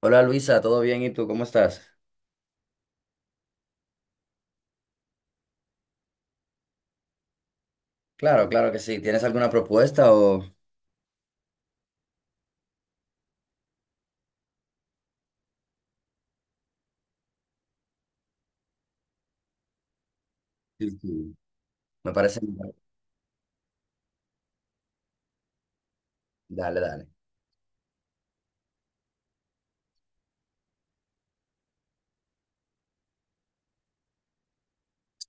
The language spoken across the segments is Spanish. Hola Luisa, ¿todo bien? ¿Y tú cómo estás? Claro, claro que sí. ¿Tienes alguna propuesta o...? Sí, sí. Me parece... Dale, dale.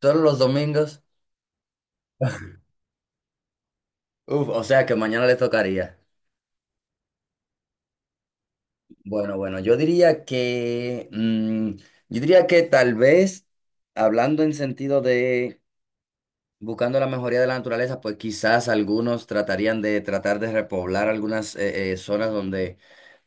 ¿Solo los domingos? Uf, o sea que mañana le tocaría. Bueno, bueno, yo diría que... yo diría que tal vez, hablando en sentido de buscando la mejoría de la naturaleza, pues quizás algunos tratarían de tratar de repoblar algunas zonas donde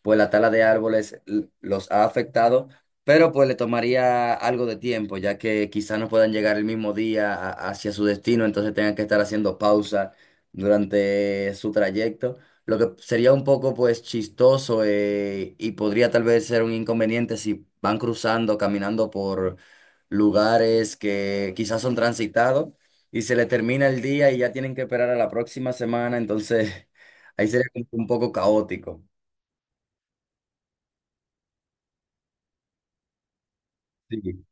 pues la tala de árboles los ha afectado, pero pues le tomaría algo de tiempo, ya que quizás no puedan llegar el mismo día hacia su destino, entonces tengan que estar haciendo pausa durante su trayecto, lo que sería un poco pues chistoso y podría tal vez ser un inconveniente si van cruzando, caminando por lugares que quizás son transitados y se le termina el día y ya tienen que esperar a la próxima semana, entonces ahí sería como un poco caótico. Sí.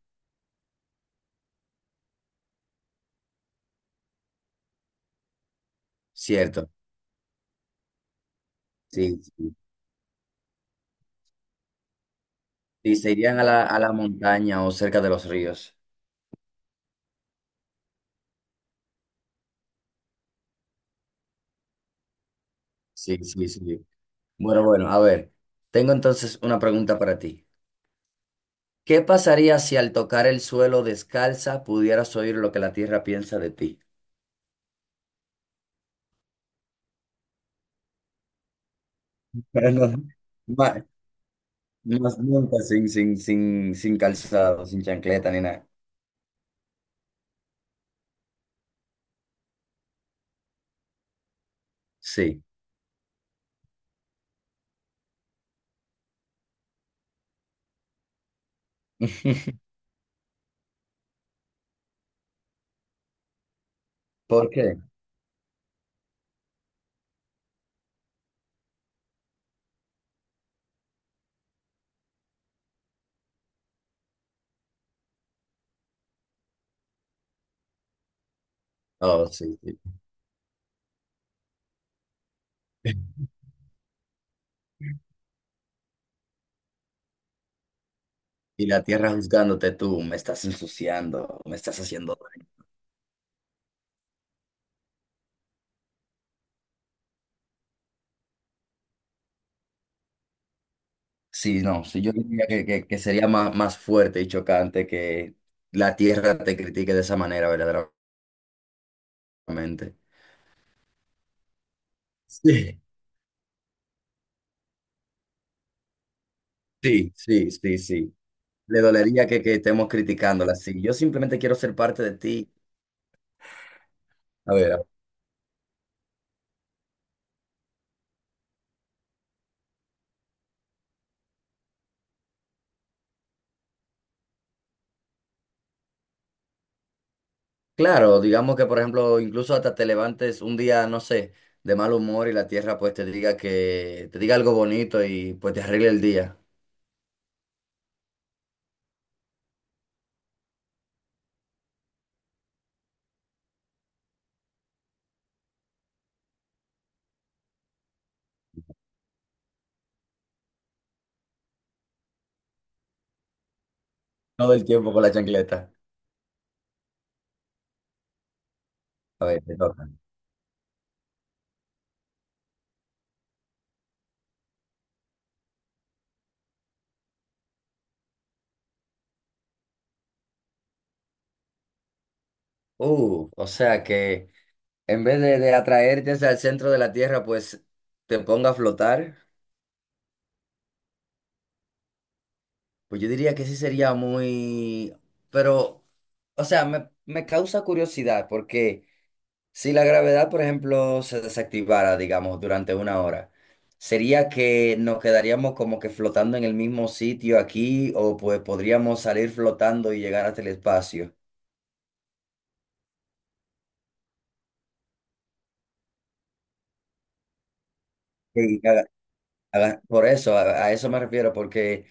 Cierto, sí, sí. Sí, se irían a la montaña o cerca de los ríos. Sí, sí, sí. Bueno, bueno, a ver, tengo entonces una pregunta para ti. ¿Qué pasaría si al tocar el suelo descalza pudieras oír lo que la tierra piensa de ti? Pero no, ma- más nunca sin, calzado, sin chancleta ni nada. Sí. ¿Por qué? Oh, sí, sí. Y la tierra juzgándote tú, me estás ensuciando, me estás haciendo daño". Sí, no, sí, yo diría que, que sería más, más fuerte y chocante que la tierra te critique de esa manera, verdaderamente. Sí, sí, sí, sí, sí. Le dolería que estemos criticándola. Sí, yo simplemente quiero ser parte de ti. A ver, claro, digamos que, por ejemplo, incluso hasta te levantes un día, no sé, de mal humor y la tierra pues te diga que, te diga algo bonito y pues te arregle el día. Todo el tiempo con la chancleta. A ver, te toca. O sea que en vez de atraerte hacia el centro de la Tierra, pues te ponga a flotar. Pues yo diría que sí sería muy... Pero, o sea, me causa curiosidad porque si la gravedad, por ejemplo, se desactivara, digamos, durante una hora, ¿sería que nos quedaríamos como que flotando en el mismo sitio aquí o pues podríamos salir flotando y llegar hasta el espacio? Sí, por eso, a eso me refiero, porque...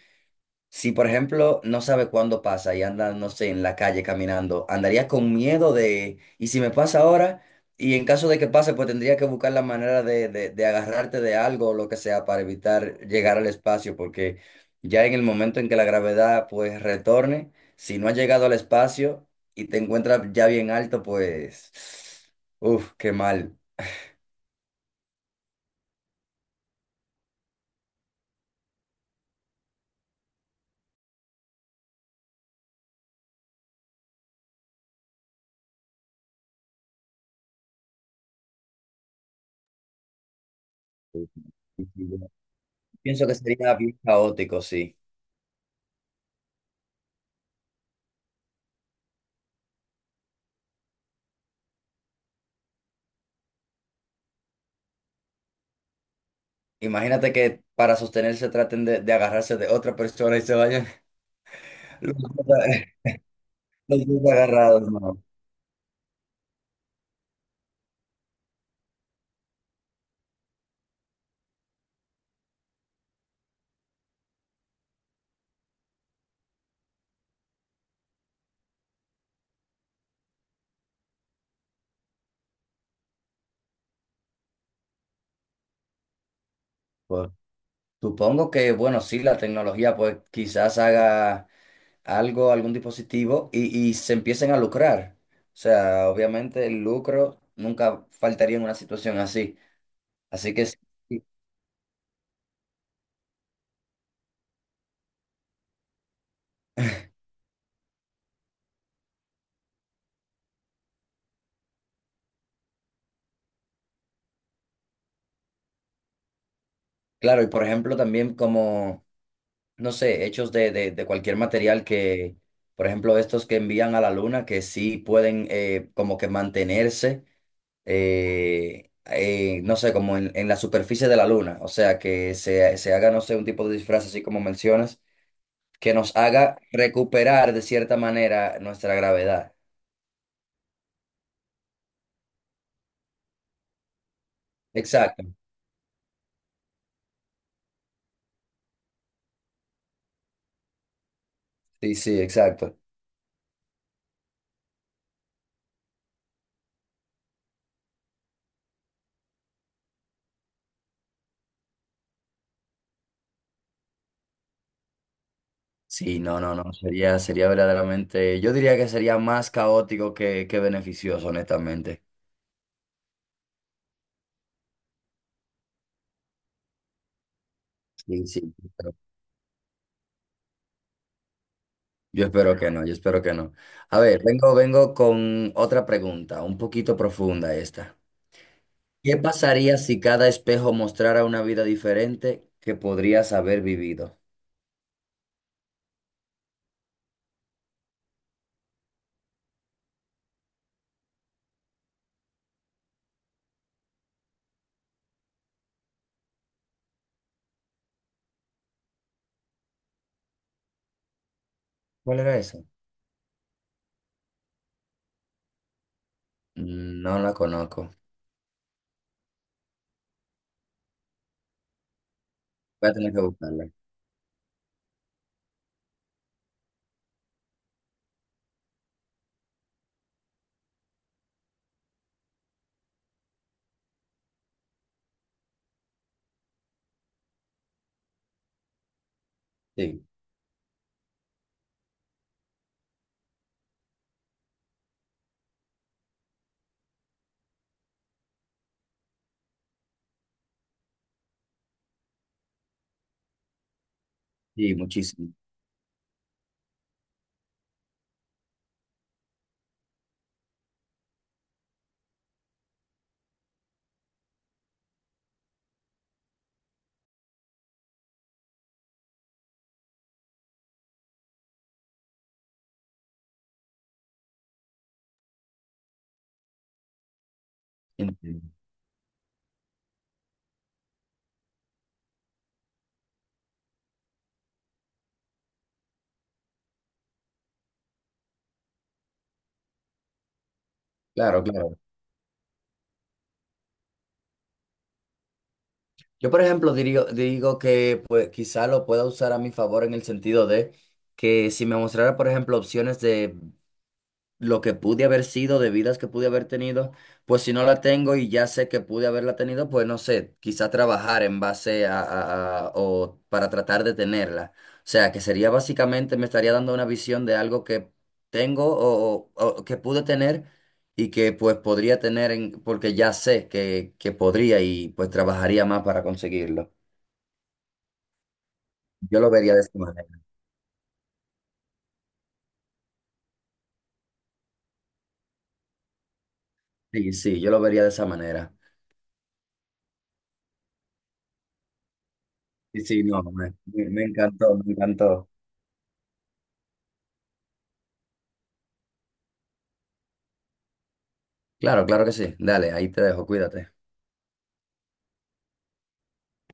Si, por ejemplo, no sabe cuándo pasa y anda, no sé, en la calle caminando, andaría con miedo de, ¿y si me pasa ahora? Y en caso de que pase, pues tendría que buscar la manera de agarrarte de algo o lo que sea para evitar llegar al espacio, porque ya en el momento en que la gravedad, pues, retorne, si no has llegado al espacio y te encuentras ya bien alto, pues, uff, qué mal. Pienso que sería bien caótico, sí. Imagínate que para sostenerse traten de agarrarse de otra persona y se vayan los dos los dos agarrados, no. Pues, supongo que, bueno, sí, la tecnología pues quizás haga algo, algún dispositivo y se empiecen a lucrar. O sea, obviamente el lucro nunca faltaría en una situación así. Así que sí, sí, claro, y por ejemplo también como, no sé, hechos de cualquier material que, por ejemplo, estos que envían a la luna, que sí pueden como que mantenerse no sé, como en la superficie de la luna, o sea, que se haga, no sé, un tipo de disfraz así como mencionas, que nos haga recuperar de cierta manera nuestra gravedad. Exacto, sí, sí, exacto. Sí, no, no, no, sería, sería verdaderamente, yo diría que sería más caótico que beneficioso, honestamente. Sí, sí, pero yo espero que no, yo espero que no. A ver, vengo con otra pregunta, un poquito profunda esta. ¿Qué pasaría si cada espejo mostrara una vida diferente que podrías haber vivido? ¿Cuál era esa? Mm, no la conozco. Voy a tener que buscarla. Sí, sí, muchísimo. Entiendo. Claro, claro. Yo, por ejemplo, digo que pues, quizá lo pueda usar a mi favor en el sentido de que si me mostrara, por ejemplo, opciones de lo que pude haber sido, de vidas que pude haber tenido, pues si no la tengo y ya sé que pude haberla tenido, pues no sé, quizá trabajar en base a, o para tratar de tenerla. O sea, que sería básicamente, me estaría dando una visión de algo que tengo o, o que pude tener y que pues podría tener en- porque ya sé que podría y pues trabajaría más para conseguirlo. Yo lo vería de esa manera. Sí, sí, yo lo vería de esa manera. Sí, sí, no, me encantó, me encantó. Claro, claro que sí. Dale, ahí te dejo, cuídate.